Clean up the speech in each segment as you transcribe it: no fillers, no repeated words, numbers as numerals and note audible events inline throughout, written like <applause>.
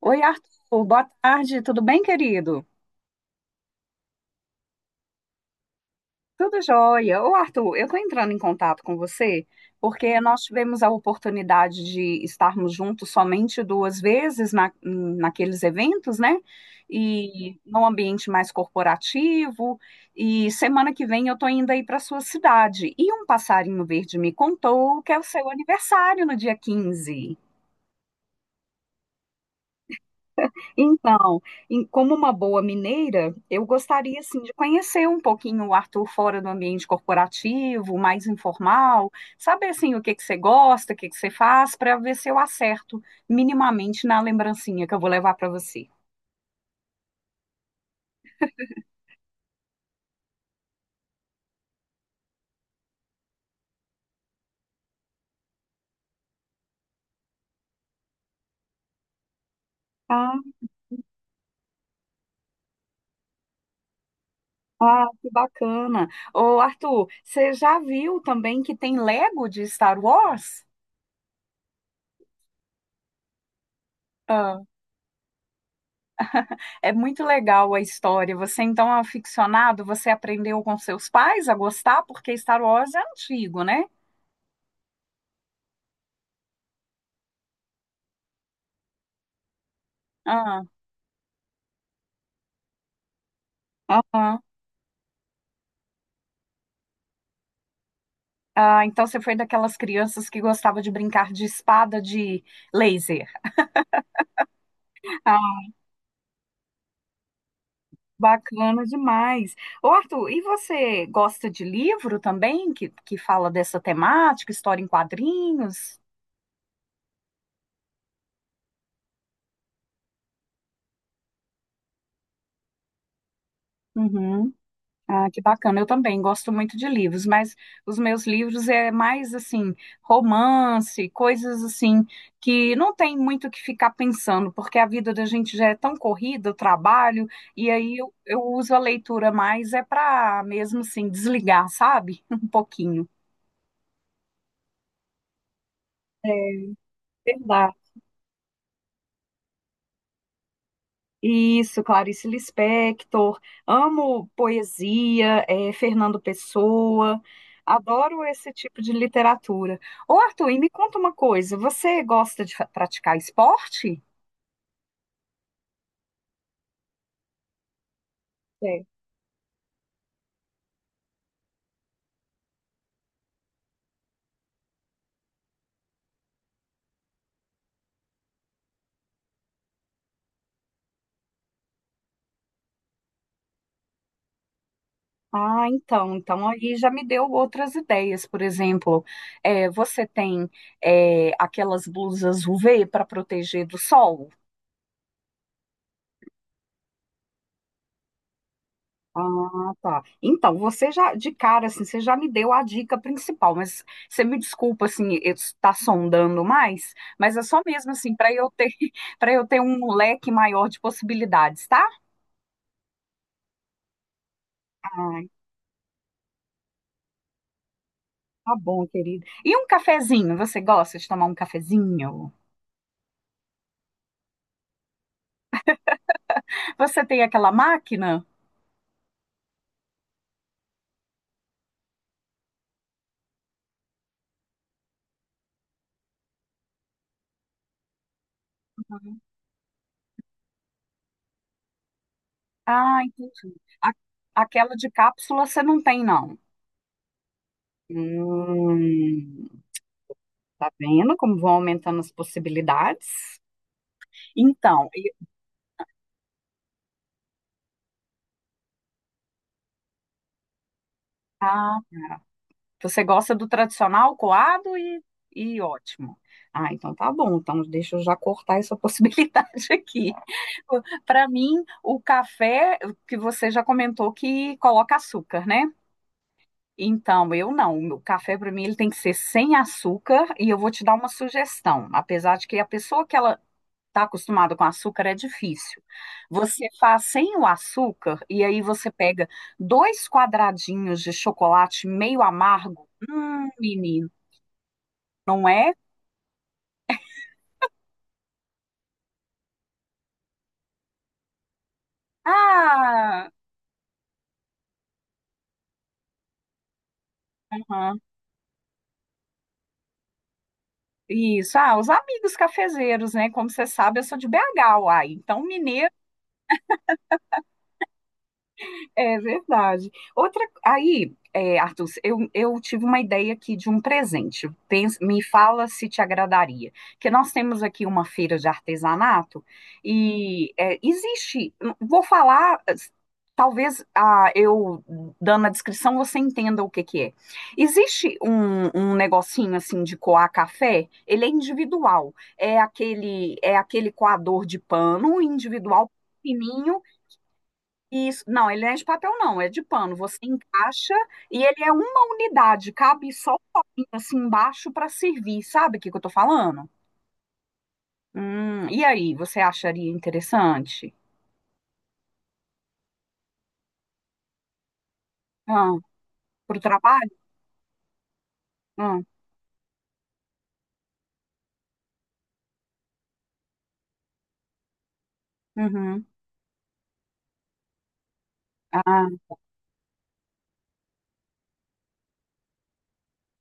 Oi, Arthur. Boa tarde. Tudo bem, querido? Tudo jóia. Ô, Arthur, eu estou entrando em contato com você porque nós tivemos a oportunidade de estarmos juntos somente duas vezes naqueles eventos, né? E num ambiente mais corporativo. E semana que vem eu estou indo aí para sua cidade. E um passarinho verde me contou que é o seu aniversário no dia 15. Então, como uma boa mineira, eu gostaria assim de conhecer um pouquinho o Arthur fora do ambiente corporativo, mais informal, saber assim o que que você gosta, o que que você faz, para ver se eu acerto minimamente na lembrancinha que eu vou levar para você. Ah, ah, que bacana. Ô, Arthur, você já viu também que tem Lego de Star Wars? Ah, é muito legal a história. Você então é um aficionado, você aprendeu com seus pais a gostar, porque Star Wars é antigo, né? Ah, aham. Ah, então você foi daquelas crianças que gostava de brincar de espada de laser. <laughs> Ah, bacana demais. Ô, Arthur, e você gosta de livro também que fala dessa temática, história em quadrinhos? Uhum. Ah, que bacana. Eu também gosto muito de livros, mas os meus livros é mais assim, romance, coisas assim que não tem muito o que ficar pensando, porque a vida da gente já é tão corrida, o trabalho, e aí eu uso a leitura mais é para mesmo assim desligar, sabe? <laughs> Um pouquinho. É verdade. Isso, Clarice Lispector, amo poesia, Fernando Pessoa, adoro esse tipo de literatura. Ô Arthur, e me conta uma coisa, você gosta de praticar esporte? É. Ah, então, então aí já me deu outras ideias, por exemplo, você tem aquelas blusas UV para proteger do sol? Ah, tá. Então, você já, de cara, assim, você já me deu a dica principal, mas você me desculpa, assim, eu estar sondando mais, mas é só mesmo, assim, para eu ter, <laughs> para eu ter um leque maior de possibilidades, tá? Ai, tá bom, querida. E um cafezinho, você gosta de tomar um cafezinho? Você tem aquela máquina? Ah, entendi. A- Aquela de cápsula você não tem, não. Hum, tá vendo como vão aumentando as possibilidades? Então, ah, você gosta do tradicional coado e ótimo. Ah, então tá bom. Então deixa eu já cortar essa <laughs> possibilidade aqui. Para mim, o café que você já comentou que coloca açúcar, né? Então, eu não. O meu café para mim ele tem que ser sem açúcar e eu vou te dar uma sugestão. Apesar de que a pessoa que ela está acostumada com açúcar é difícil. Você faz sem o açúcar e aí você pega dois quadradinhos de chocolate meio amargo. Menina, não é? Ah, aham, isso. Ah, os amigos cafezeiros, né? Como você sabe, eu sou de BH, uai. Então, mineiro. É verdade. Outra, aí, é, Arthur, eu tive uma ideia aqui de um presente. Me fala se te agradaria. Que nós temos aqui uma feira de artesanato e é, existe. Vou falar. Talvez ah, eu dando a descrição você entenda o que que é. Existe um negocinho assim de coar café. Ele é individual. É aquele coador de pano individual fininho. Isso, não, ele não é de papel, não, é de pano. Você encaixa e ele é uma unidade, cabe só um copinho assim embaixo para servir, sabe o que que eu tô falando? E aí, você acharia interessante? Ah, pro trabalho? Ah, uhum. Ah,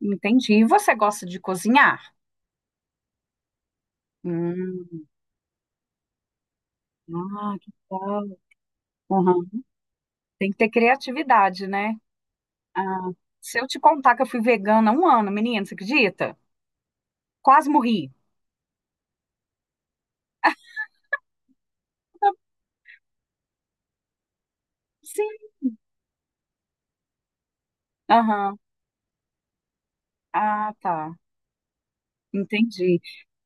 entendi. E você gosta de cozinhar? Hum, ah, que legal. Uhum. Tem que ter criatividade, né? Ah, se eu te contar que eu fui vegana há um ano, menina, você acredita? Quase morri. Sim. Aham. Ah, tá. Entendi.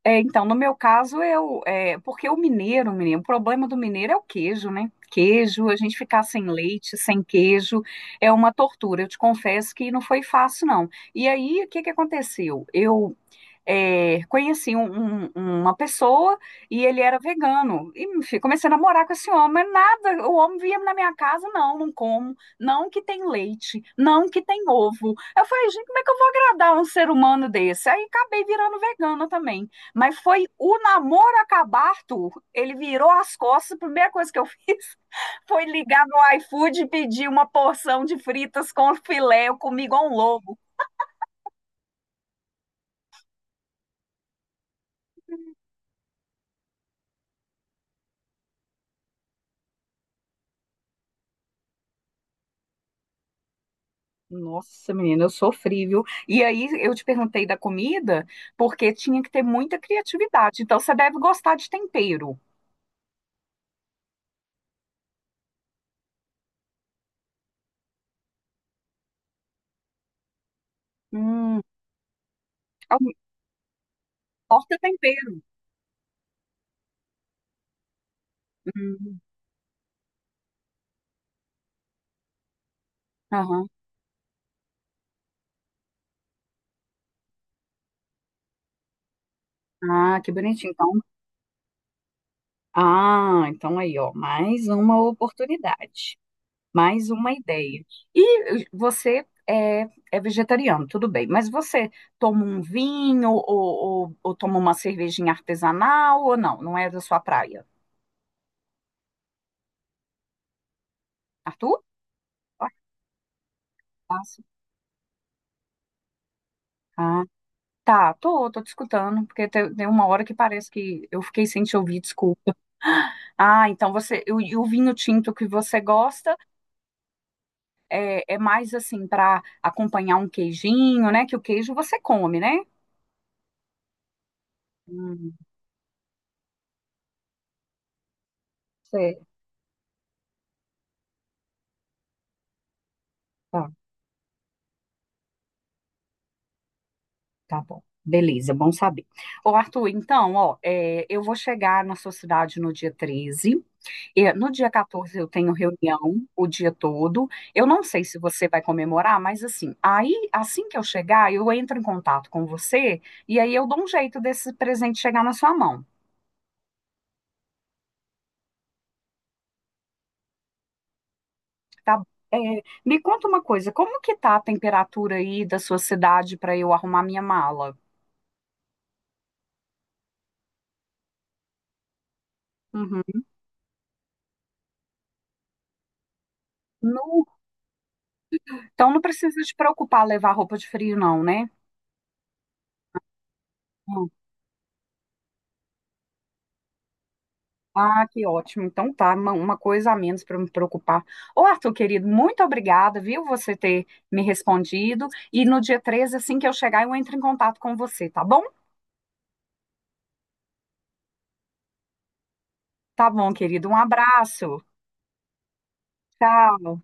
É, então, no meu caso, eu, é, porque o mineiro, menino, o problema do mineiro é o queijo, né? Queijo, a gente ficar sem leite, sem queijo, é uma tortura. Eu te confesso que não foi fácil, não. E aí, o que que aconteceu? Eu é, conheci uma pessoa e ele era vegano. E enfim, comecei a namorar com esse homem, mas nada, o homem vinha na minha casa, não, como, não que tem leite, não que tem ovo. Eu falei, gente, como é que eu vou agradar um ser humano desse? Aí acabei virando vegana também. Mas foi o namoro acabar, Arthur. Ele virou as costas, a primeira coisa que eu fiz <laughs> foi ligar no iFood e pedir uma porção de fritas com filé. Eu comi igual um louco. Nossa, menina, eu sofri, viu? E aí eu te perguntei da comida, porque tinha que ter muita criatividade. Então você deve gostar de tempero. Hum, algum- torta tempero. Hum, aham. Ah, que bonitinho. Então, ah, então aí, ó, mais uma oportunidade, mais uma ideia. E você é vegetariano, tudo bem, mas você toma um vinho ou toma uma cervejinha artesanal ou não? Não é da sua praia, Arthur? Ah, sim. Tá, tô te escutando, porque tem uma hora que parece que eu fiquei sem te ouvir, desculpa. Ah, então você, e o vinho tinto que você gosta é mais assim para acompanhar um queijinho, né? Que o queijo você come, né? Hum, sei. Tá, tá bom. Beleza, bom saber. Ô, Arthur, então, ó, é, eu vou chegar na sua cidade no dia 13. É, no dia 14 eu tenho reunião o dia todo. Eu não sei se você vai comemorar, mas assim, aí assim que eu chegar, eu entro em contato com você e aí eu dou um jeito desse presente chegar na sua mão, tá? É, me conta uma coisa, como que tá a temperatura aí da sua cidade para eu arrumar minha mala? Uhum. No- então não precisa te preocupar levar roupa de frio, não, né? Ah, que ótimo. Então tá, uma coisa a menos para me preocupar. Ô, Arthur, querido, muito obrigada, viu, você ter me respondido. E no dia 13, assim que eu chegar, eu entro em contato com você, tá bom? Tá bom, querido. Um abraço. Tchau.